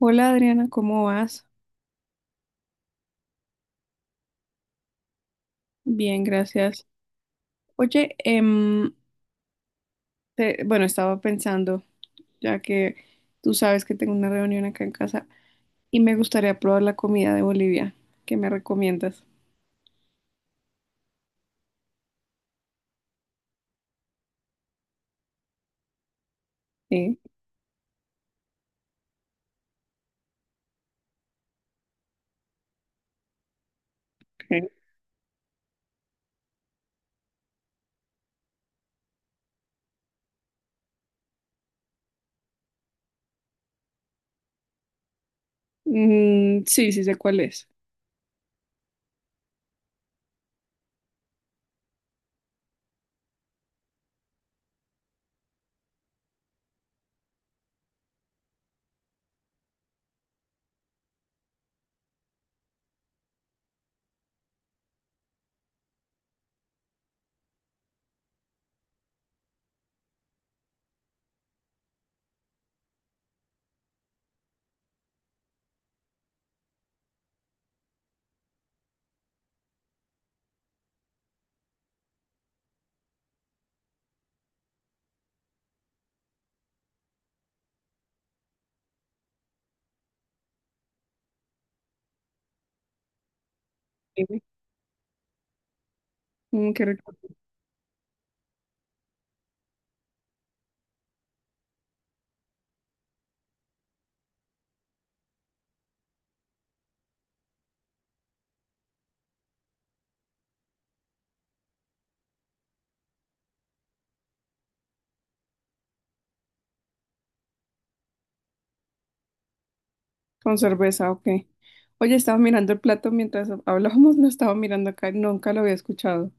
Hola Adriana, ¿cómo vas? Bien, gracias. Oye, bueno, estaba pensando, ya que tú sabes que tengo una reunión acá en casa y me gustaría probar la comida de Bolivia. ¿Qué me recomiendas? Sí, ok. Mm, sí, sí sé cuál es. Dime. Mm, qué rico. Con cerveza, ok. Oye, estaba mirando el plato mientras hablábamos, lo estaba mirando acá, nunca lo había escuchado.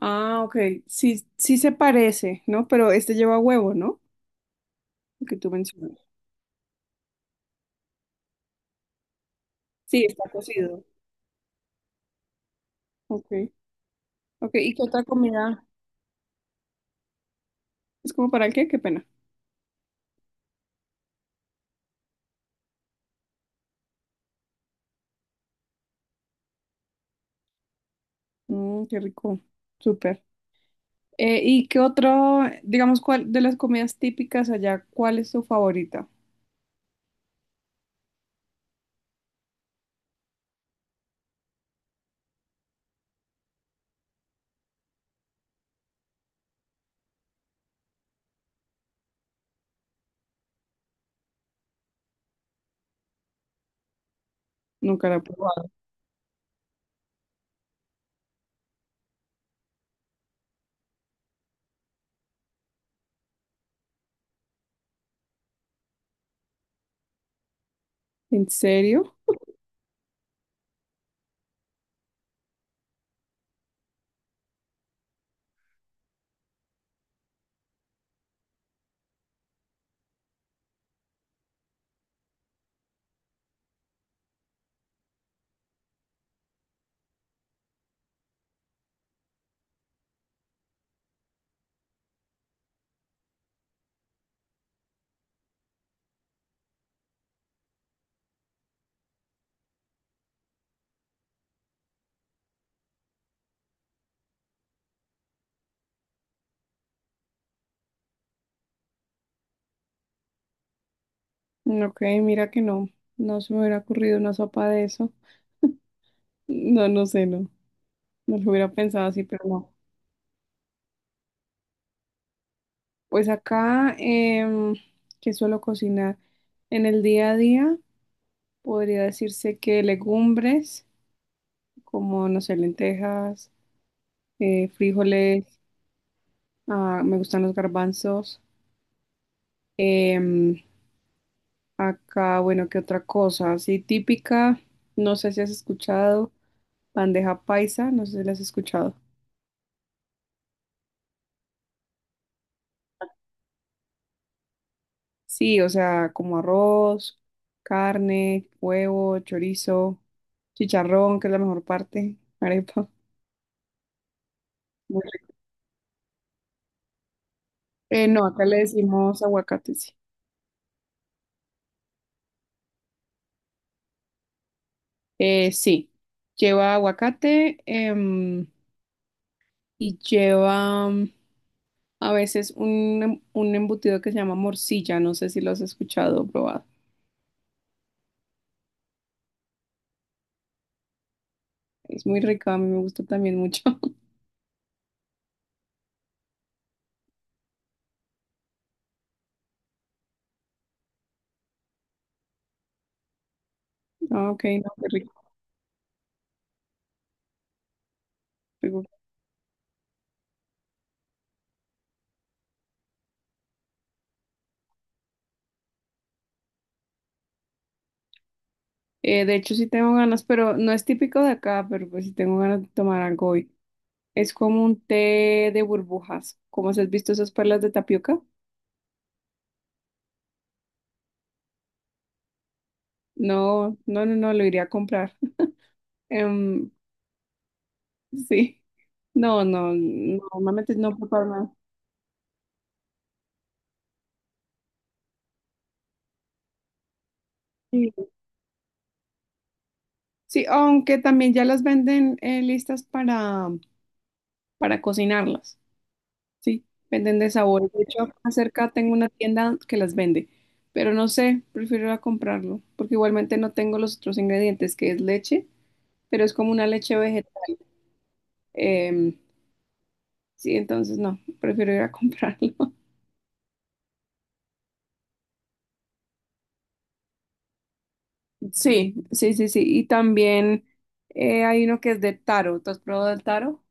Ah, ok. Sí, sí se parece, ¿no? Pero este lleva huevo, ¿no? Lo que tú mencionas. Sí, está cocido. Ok, ok. ¿Y qué otra comida? ¿Es como para el qué? Qué pena. Mm, qué rico. Súper. ¿Y qué otro, digamos, cuál de las comidas típicas allá, cuál es tu favorita? Nunca la he probado. ¿En serio? Mm, ok, mira que no. No se me hubiera ocurrido una sopa de eso. No, no sé, no. No lo hubiera pensado así, pero no. Pues acá, que suelo cocinar en el día a día, podría decirse que legumbres, como, no sé, lentejas, frijoles, ah, me gustan los garbanzos. Em, acá, bueno, ¿qué otra cosa? Así típica, no sé si has escuchado, bandeja paisa, no sé si la has escuchado. Sí, o sea, como arroz, carne, huevo, chorizo, chicharrón, que es la mejor parte, arepa. Muy rico. No, acá le decimos aguacate, sí. Sí, lleva aguacate, y lleva... A veces un, un embutido que se llama morcilla, no sé si lo has escuchado o probado. Es muy rica, a mí me gusta también mucho. Ah, ok, no, qué rico. Qué rico. De hecho, sí tengo ganas, pero no es típico de acá, pero pues sí tengo ganas de tomar algo hoy. Es como un té de burbujas. ¿Cómo se has visto esas perlas de tapioca? No, no, no, no, lo iría a comprar. Em, sí. No, no, no, normalmente no preparo nada. Sí, sí, aunque también ya las venden, listas para cocinarlas. Sí, venden de sabores. De hecho, acá cerca tengo una tienda que las vende, pero no sé, prefiero ir a comprarlo, porque igualmente no tengo los otros ingredientes, que es leche, pero es como una leche vegetal. em, sí, entonces no, prefiero ir a comprarlo. Sí, sí, sí, sí. Y también, hay uno que es de taro. ¿Tú has probado el taro?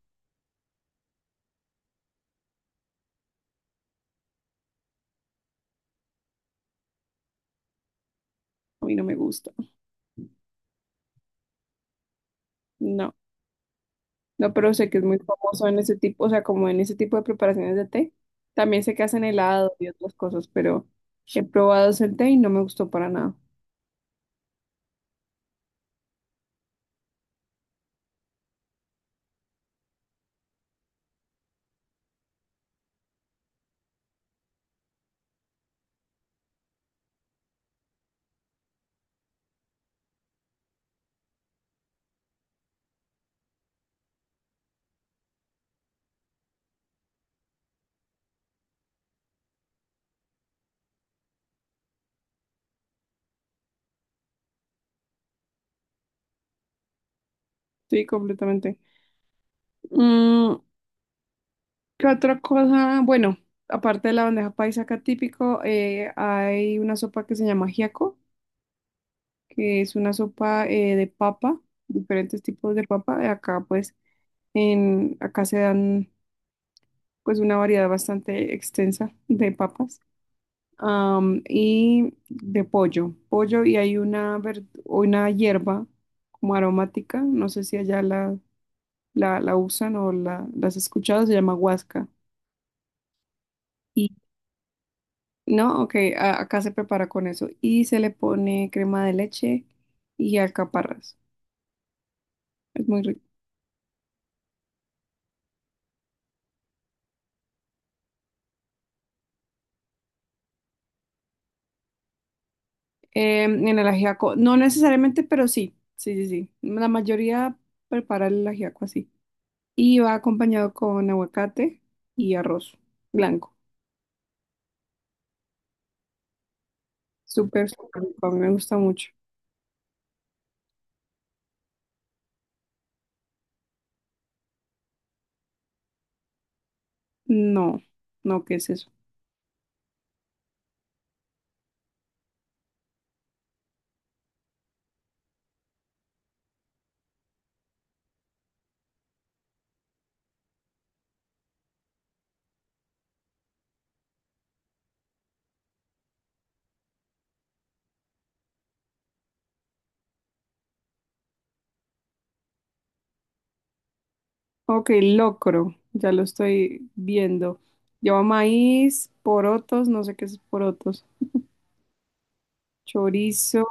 A mí no me gusta. No. No, pero sé que es muy famoso en ese tipo, o sea, como en ese tipo de preparaciones de té. También sé que hacen helado y otras cosas, pero he probado ese té y no me gustó para nada. Sí, completamente. Mm, ¿qué otra cosa? Bueno, aparte de la bandeja paisa acá típico, hay una sopa que se llama giaco, que es una sopa, de papa, diferentes tipos de papa. Acá pues, en, acá se dan pues una variedad bastante extensa de papas, y de pollo. Pollo y hay una, una hierba como aromática, no sé si allá la, la usan o la, las has escuchado, se llama huasca. Y no, ok, acá se prepara con eso y se le pone crema de leche y alcaparras. Es muy rico. Em, en el ajiaco, no necesariamente, pero sí, sí, sí, sí. La mayoría prepara el ajiaco así, y va acompañado con aguacate y arroz blanco. Súper, súper rico, me gusta mucho. No, no, ¿qué es eso? Ok, locro, ya lo estoy viendo. Lleva maíz, porotos, no sé qué es porotos, chorizo.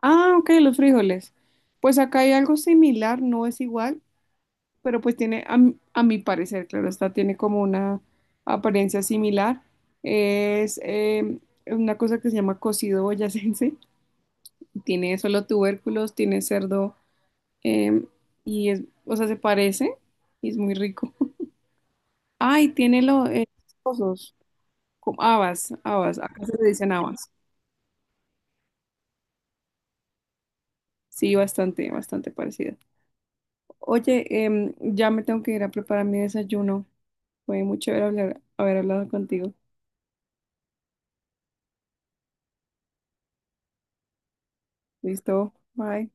Ah, ok, los frijoles. Pues acá hay algo similar, no es igual, pero pues tiene, a, mi parecer, claro, esta tiene como una apariencia similar. Es una cosa que se llama cocido boyacense. Tiene solo tubérculos, tiene cerdo, eh, y es, o sea, se parece y es muy rico. Ay, tiene los cosos, como habas, habas, acá se le dicen habas. Sí, bastante, bastante parecida. Oye, ya me tengo que ir a preparar mi desayuno. Fue muy chévere haber hablado contigo. Listo, bye.